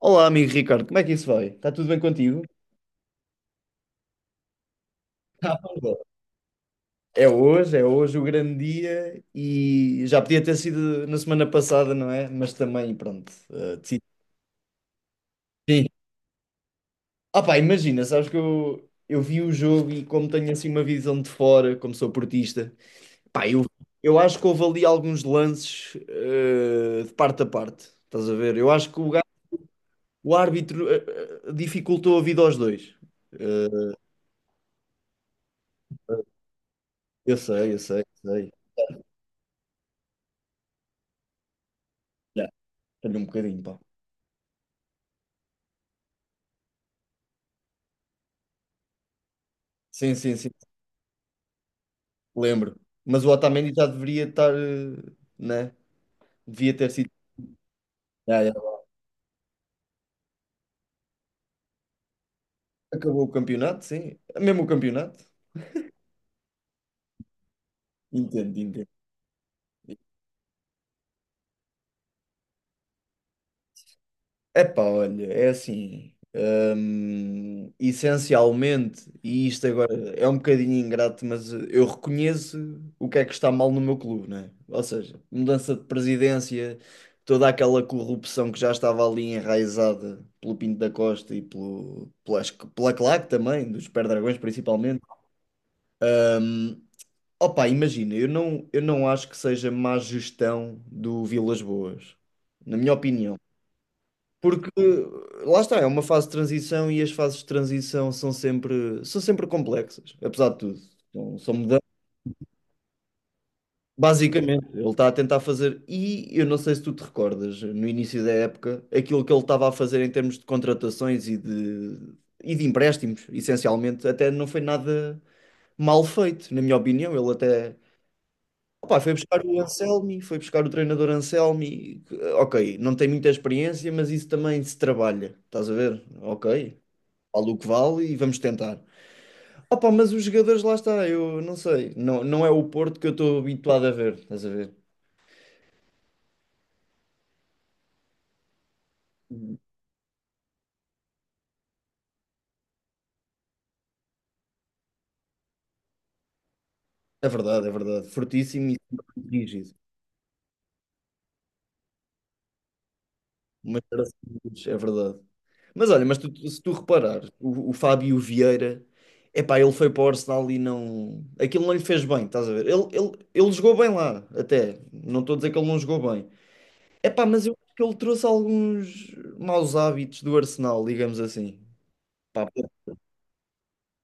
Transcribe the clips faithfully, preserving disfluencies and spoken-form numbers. Olá, amigo Ricardo, como é que isso vai? Está tudo bem contigo? Tá tudo. Bem. É hoje, é hoje o grande dia e já podia ter sido na semana passada, não é? Mas também, pronto, eh, decidi. Sim. Ah pá, imagina, sabes que eu, eu vi o jogo e como tenho assim uma visão de fora, como sou portista, pá, eu, eu acho que houve ali alguns lances eh, de parte a parte, estás a ver? Eu acho que o, ga- o árbitro eh, eh, dificultou a vida aos dois. Eh, eu sei, eu sei, eu sei. Já, tenho um bocadinho, pá. Sim, sim, sim, lembro. Mas o Otamendi já deveria estar, eh, né? Devia ter sido. Já, já. Acabou o campeonato, sim. Mesmo o campeonato. Entendo, entendo. Epá, olha, é assim, hum, essencialmente, e isto agora é um bocadinho ingrato, mas eh, eu reconheço o que é que está mal no meu clube, né? Ou seja, mudança de presidência, toda aquela corrupção que já estava ali enraizada pelo Pinto da Costa e pelo, pelas, pela C L A C também, dos Pé-Dragões principalmente. Hum, opa, imagina, eu não, eu não acho que seja má gestão do Vilas Boas, na minha opinião. Porque lá está, é uma fase de transição e as fases de transição são sempre, são sempre complexas, apesar de tudo. Então, são mudanças. Basicamente, ele está a tentar fazer, e eu não sei se tu te recordas, no início da época, aquilo que ele estava a fazer em termos de contratações e de, e de empréstimos, essencialmente, até não foi nada mal feito, na minha opinião. Ele até opá, foi buscar o Anselmi, foi buscar o treinador Anselmi. Que, Ok, não tem muita experiência, mas isso também se trabalha, estás a ver? Ok. vale o que vale e vamos tentar. Opa, mas os jogadores lá está, eu não sei, não, não é o Porto que eu estou habituado a ver, estás a ver? É verdade, é verdade, fortíssimo e sempre rígido, mas era simples, é verdade. Mas olha, mas tu- tu- se tu reparares, o, o Fábio Vieira, epá, ele foi para o Arsenal e não, aquilo não lhe fez bem, estás a ver? Ele, ele, ele jogou bem lá, até, não estou a dizer que ele não jogou bem. Epá, mas eu acho que ele trouxe alguns maus hábitos do Arsenal, digamos assim.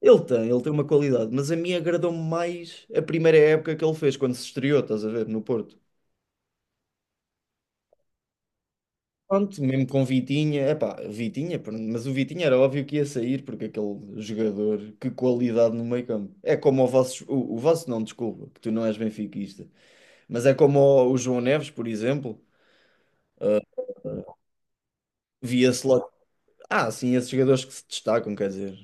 Ele tem, ele tem uma qualidade, mas a mim agradou-me mais a primeira época que ele fez, quando se estreou, estás a ver, no Porto. Pronto, mesmo com Vitinha, epá, Vitinha, pronto, mas o Vitinha era óbvio que ia sair, porque aquele jogador, que qualidade no meio-campo. É como o vosso, o, o vosso não, desculpa, que tu não és benfiquista, mas é como o, o João Neves, por exemplo, via-se logo, ah, sim, esses jogadores que se destacam, quer dizer.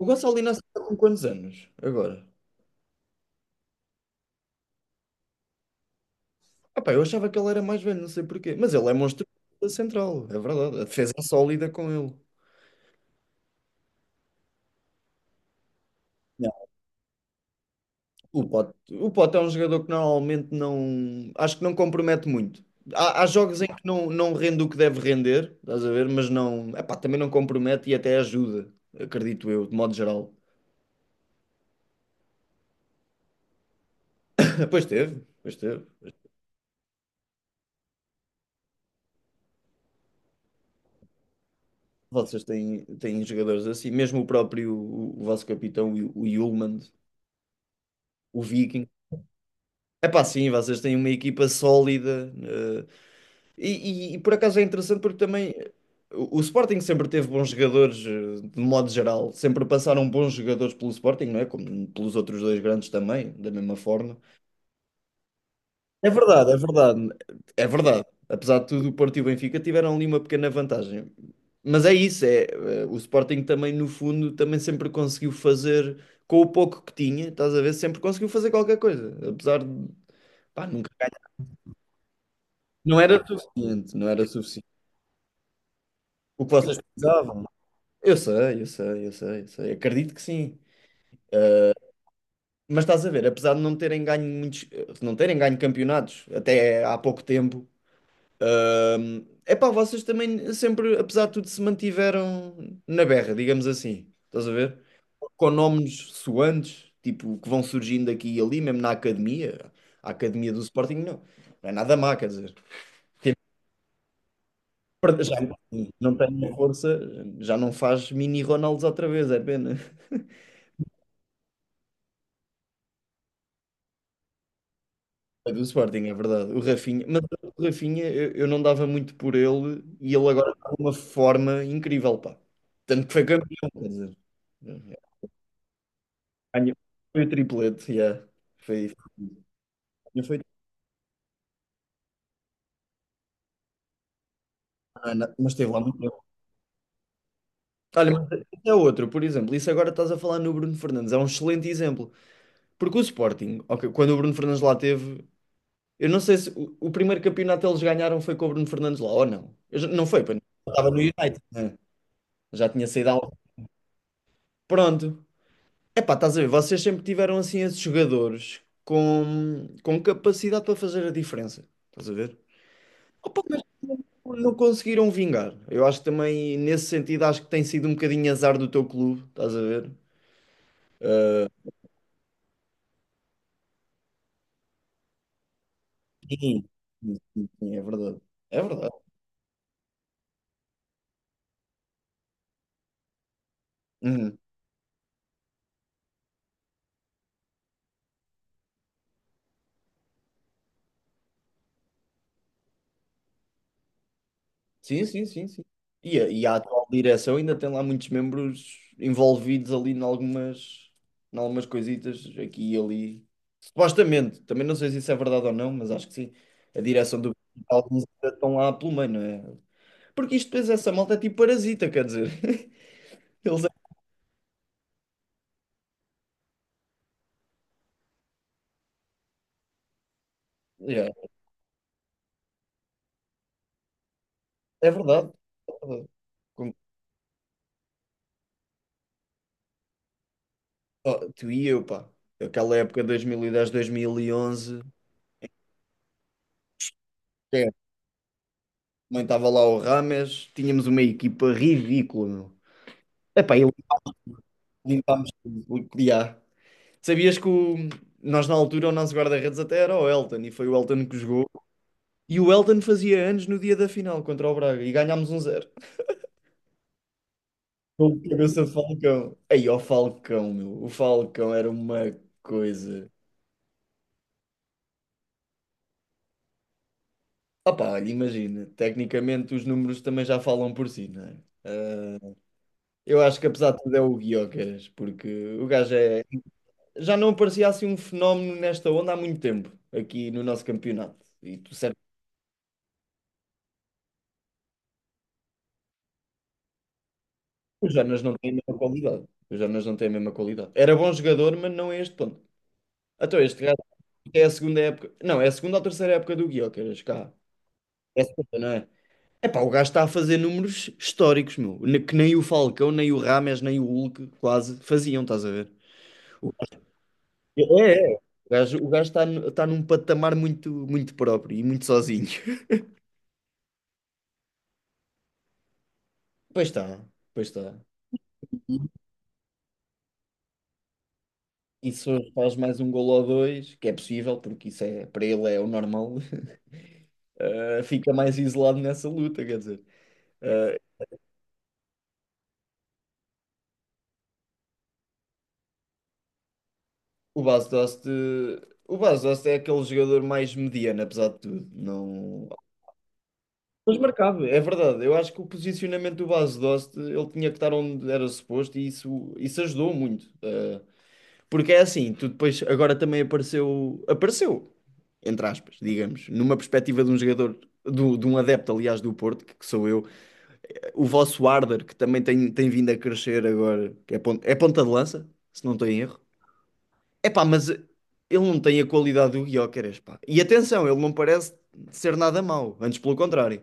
O Gonçalo Inácio está com quantos anos agora? Epá, eu achava que ele era mais velho, não sei porquê. Mas ele é monstruoso da central, é verdade. A defesa é sólida com ele. Não. O Pote, o Pote é um jogador que normalmente não. Acho que não compromete muito. Há, há jogos em que não, não rende o que deve render, estás a ver? Mas não. Epá, também não compromete e até ajuda, acredito eu, de modo geral. Pois teve, pois teve. Vocês têm, têm jogadores assim, mesmo o próprio, o, o vosso capitão, o, o Hjulmand, o Viking. Epá, sim, vocês têm uma equipa sólida. eh, E, e- e por acaso é interessante porque também o, o Sporting sempre teve bons jogadores, eh, de modo geral, sempre passaram bons jogadores pelo Sporting, não é? Como pelos outros dois grandes também, da mesma forma. É verdade, é verdade, é verdade. Apesar de tudo, o Porto e o Benfica tiveram ali uma pequena vantagem. Mas é isso, é, eh, o Sporting também, no fundo, também sempre conseguiu fazer com o pouco que tinha, estás a ver? Sempre conseguiu fazer qualquer coisa, apesar de, pá, nunca ganhar, não era suficiente, não era suficiente. O que vocês Eu sei, eu sei, eu sei, eu sei. Acredito que sim. Mas estás a ver, apesar de não terem ganho muitos, não terem ganho campeonatos até há pouco tempo, é pá, vocês também sempre, apesar de tudo, se mantiveram na berra, digamos assim. Estás a ver? Com nomes soantes, tipo, que vão surgindo aqui e ali, mesmo na academia. A academia do Sporting não, não é nada má, quer dizer. Tem- Já não tem a força, já não faz mini Ronaldos outra vez, é pena. É do Sporting, é verdade. O Rafinha, mas o Rafinha eu, eu não dava muito por ele e ele agora está numa forma incrível, pá. Tanto que foi campeão, quer dizer. Ganhou- Foi o triplete, yeah. Foi, foi, foi- ah, não, mas esteve lá muito tempo. Olha, mas esse é outro, por exemplo, isso agora estás a falar no Bruno Fernandes, é um excelente exemplo. Porque o Sporting, ok, quando o Bruno Fernandes lá teve, eu não sei se o, o primeiro campeonato eles ganharam foi com o Bruno Fernandes lá ou não. Eu já- não foi, pois não. Eu estava no United, né? Já tinha saído ao. Pronto, Epá, estás a ver, vocês sempre tiveram assim esses jogadores com, com capacidade para fazer a diferença. Estás a ver? Opa, mas não conseguiram vingar. Eu acho que também, nesse sentido, acho que tem sido um bocadinho azar do teu clube. Estás a ver? Sim, sim, sim, é verdade. É verdade. Uhum. Sim, sim, sim, sim. E a, e a atual direção ainda tem lá muitos membros envolvidos ali em algumas, em algumas coisitas aqui e ali. Supostamente, também não sei se isso é verdade ou não, mas acho que sim. A direção do alguns ainda estão lá pelo meio, não é? Porque isto depois essa malta é tipo parasita, quer dizer. Eles é, yeah, é verdade. É verdade. Com- oh, tu e eu, pá. Aquela época dois mil e dez, dois mil e onze, é, também estava lá o Rames, tínhamos uma equipa ridícula, meu. Epá, limpámos tudo. Yeah. Sabias que o- nós na altura o nosso guarda-redes até era o Elton e foi o Elton que jogou. E o Elton fazia anos no dia da final contra o Braga e ganhámos um zero. Com a cabeça de Falcão. Aí, ó Falcão, meu. O Falcão era uma coisa. Opá, olha, imagina. Tecnicamente os números também já falam por si, não é? Eh, Eu acho que apesar de tudo é o Guiocas, porque o gajo é. Já não aparecia assim um fenómeno nesta onda há muito tempo, aqui no nosso campeonato. E tu O Jonas não tem a mesma qualidade. O Jonas não tem a mesma qualidade. Era bom jogador, mas não é este ponto. Então, este gajo é a segunda época. Não, é a segunda ou terceira época do Gyökeres, cá. É a segunda, não é? Epá, o gajo está a fazer números históricos, meu. Ne- Que nem o Falcão, nem o Rames, nem o Hulk quase faziam, estás a ver? O- É, é. O gajo, o gajo está, nu- está num patamar muito, muito próprio e muito sozinho. Pois está, pois está. E se faz mais um golo ou dois, que é possível, porque isso é, para ele é o normal, eh, fica mais isolado nessa luta, quer dizer. Eh, o Bas Dost, eh, o Bas Dost é aquele jogador mais mediano, apesar de tudo. Não... Mas marcava, é verdade. Eu acho que o posicionamento do Bas Dost, ele tinha que estar onde era suposto e isso, isso ajudou muito. eh, Porque é assim, tu depois agora também apareceu, apareceu, entre aspas, digamos, numa perspectiva de um jogador, do, de um adepto, aliás, do Porto, que, que sou eu, o vosso Arder, que também tem, tem vindo a crescer agora, que é ponta, é ponta de lança, se não estou em erro. É pá, mas ele não tem a qualidade do Gyökeres, pá. E atenção, ele não parece ser nada mau, antes pelo contrário.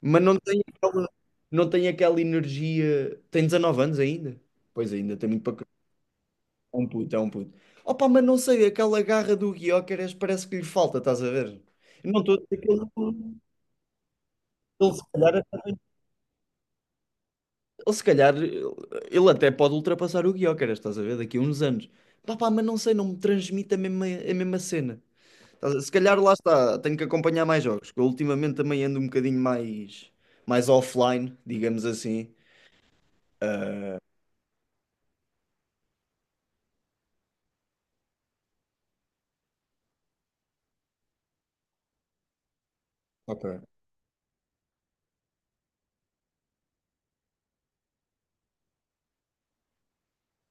Mas não tem aquela, não tem aquela energia, tem dezanove anos ainda. Pois ainda tem muito para é um puto, é um puto. Opa, mas não sei, aquela garra do Gyökeres parece que lhe falta, estás a ver? Eu Não estou a dizer que ele, ele se calhar, ele, se calhar, ele até pode ultrapassar o Gyökeres, estás a ver? Daqui a uns anos. Pá, pá, mas não sei, não me transmite a mesma, a mesma cena. Estás a- Se calhar lá está, tenho que acompanhar mais jogos, que eu ultimamente também ando um bocadinho mais, mais offline, digamos assim. Ok.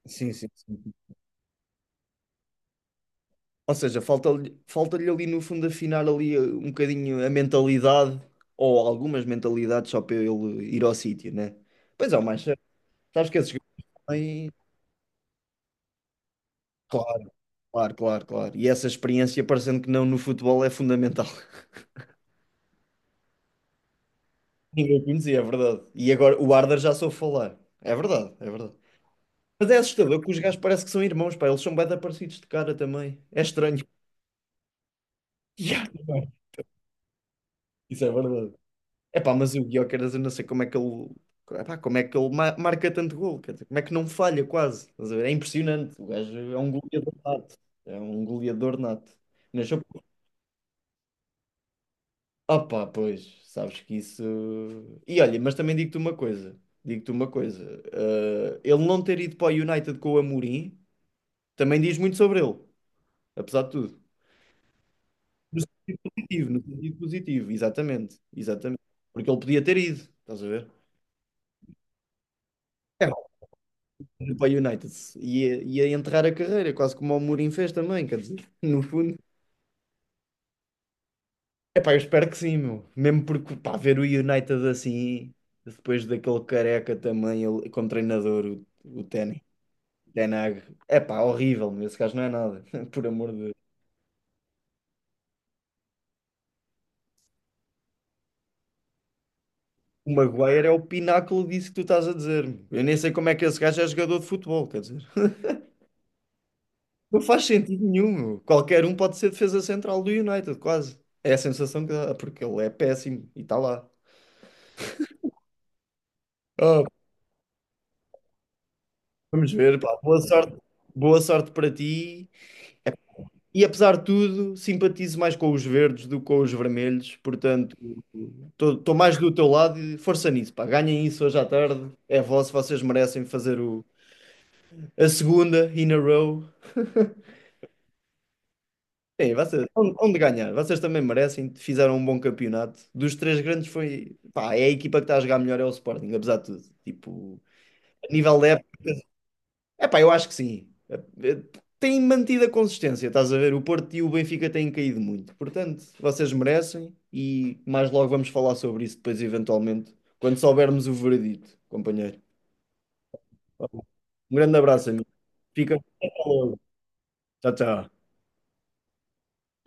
Sim, sim, sim. Ou seja, falta-lhe falta-lhe ali no fundo afinar ali eh, um bocadinho a mentalidade, ou algumas mentalidades só para ele ir ao sítio, né? Pois é, mas sabes que esses gajos também. Claro, claro, claro, claro. E essa experiência, parecendo que não no futebol, é fundamental. Ninguém conhecia, é verdade. E agora o Arda já soube falar. É verdade, é verdade. Mas é assustador que os gajos parecem que são irmãos, pá. Eles são bem parecidos de cara também. É estranho. Yeah, também. Isso é verdade. Epá, mas o Gyökeres, eu não sei como é que ele, epá, como é que ele ma- marca tanto gol, quer dizer, como é que não falha quase. Estás a ver? É impressionante. O gajo é um goleador nato. É um goleador nato. Nasceu... Opá, pois, sabes que isso. E olha, mas também digo-te uma coisa. Digo-te uma coisa. eh, ele não ter ido para o United com o Amorim também diz muito sobre ele, apesar de tudo. No sentido positivo, no sentido positivo, exatamente. Exatamente. Porque ele podia ter ido, estás a ver? Indo para o United. Ia, ia enterrar a carreira, quase como o Mourinho fez também, quer dizer, no fundo. É Epá, eu espero que sim, meu. Mesmo porque, pá, ver o United assim, depois daquele careca também, ele, como treinador, o, o Ten, Ten Hag. Epá, horrível, meu. Esse gajo não é nada, por amor de Deus. O Maguire é o pináculo disso que tu estás a dizer, meu. Eu nem sei como é que esse gajo é jogador de futebol, quer dizer. Não faz sentido nenhum, meu. Qualquer um pode ser defesa central do United, quase. É a sensação que dá, porque ele é péssimo e está lá. Ah, vamos ver, pá, boa sorte, boa sorte para ti. E apesar de tudo, simpatizo mais com os verdes do que com os vermelhos, portanto, estou mais do teu lado e força nisso, pá. Ganhem isso hoje à tarde, é vosso, vocês merecem fazer o, a segunda in a row. Bem, vocês, onde, onde ganhar? Vocês também merecem, fizeram um bom campeonato. Dos três grandes foi, pá, é a equipa que está a jogar melhor é o Sporting, apesar de tudo. Tipo, a nível da Epá, eu acho que sim. Eh, eh, tem mantido a consistência, estás a ver? O Porto e o Benfica têm caído muito. Portanto, vocês merecem e mais logo vamos falar sobre isso depois, eventualmente, quando soubermos o veredito, companheiro. Um grande abraço, amigo. Fica. Até logo. Tchau, tchau.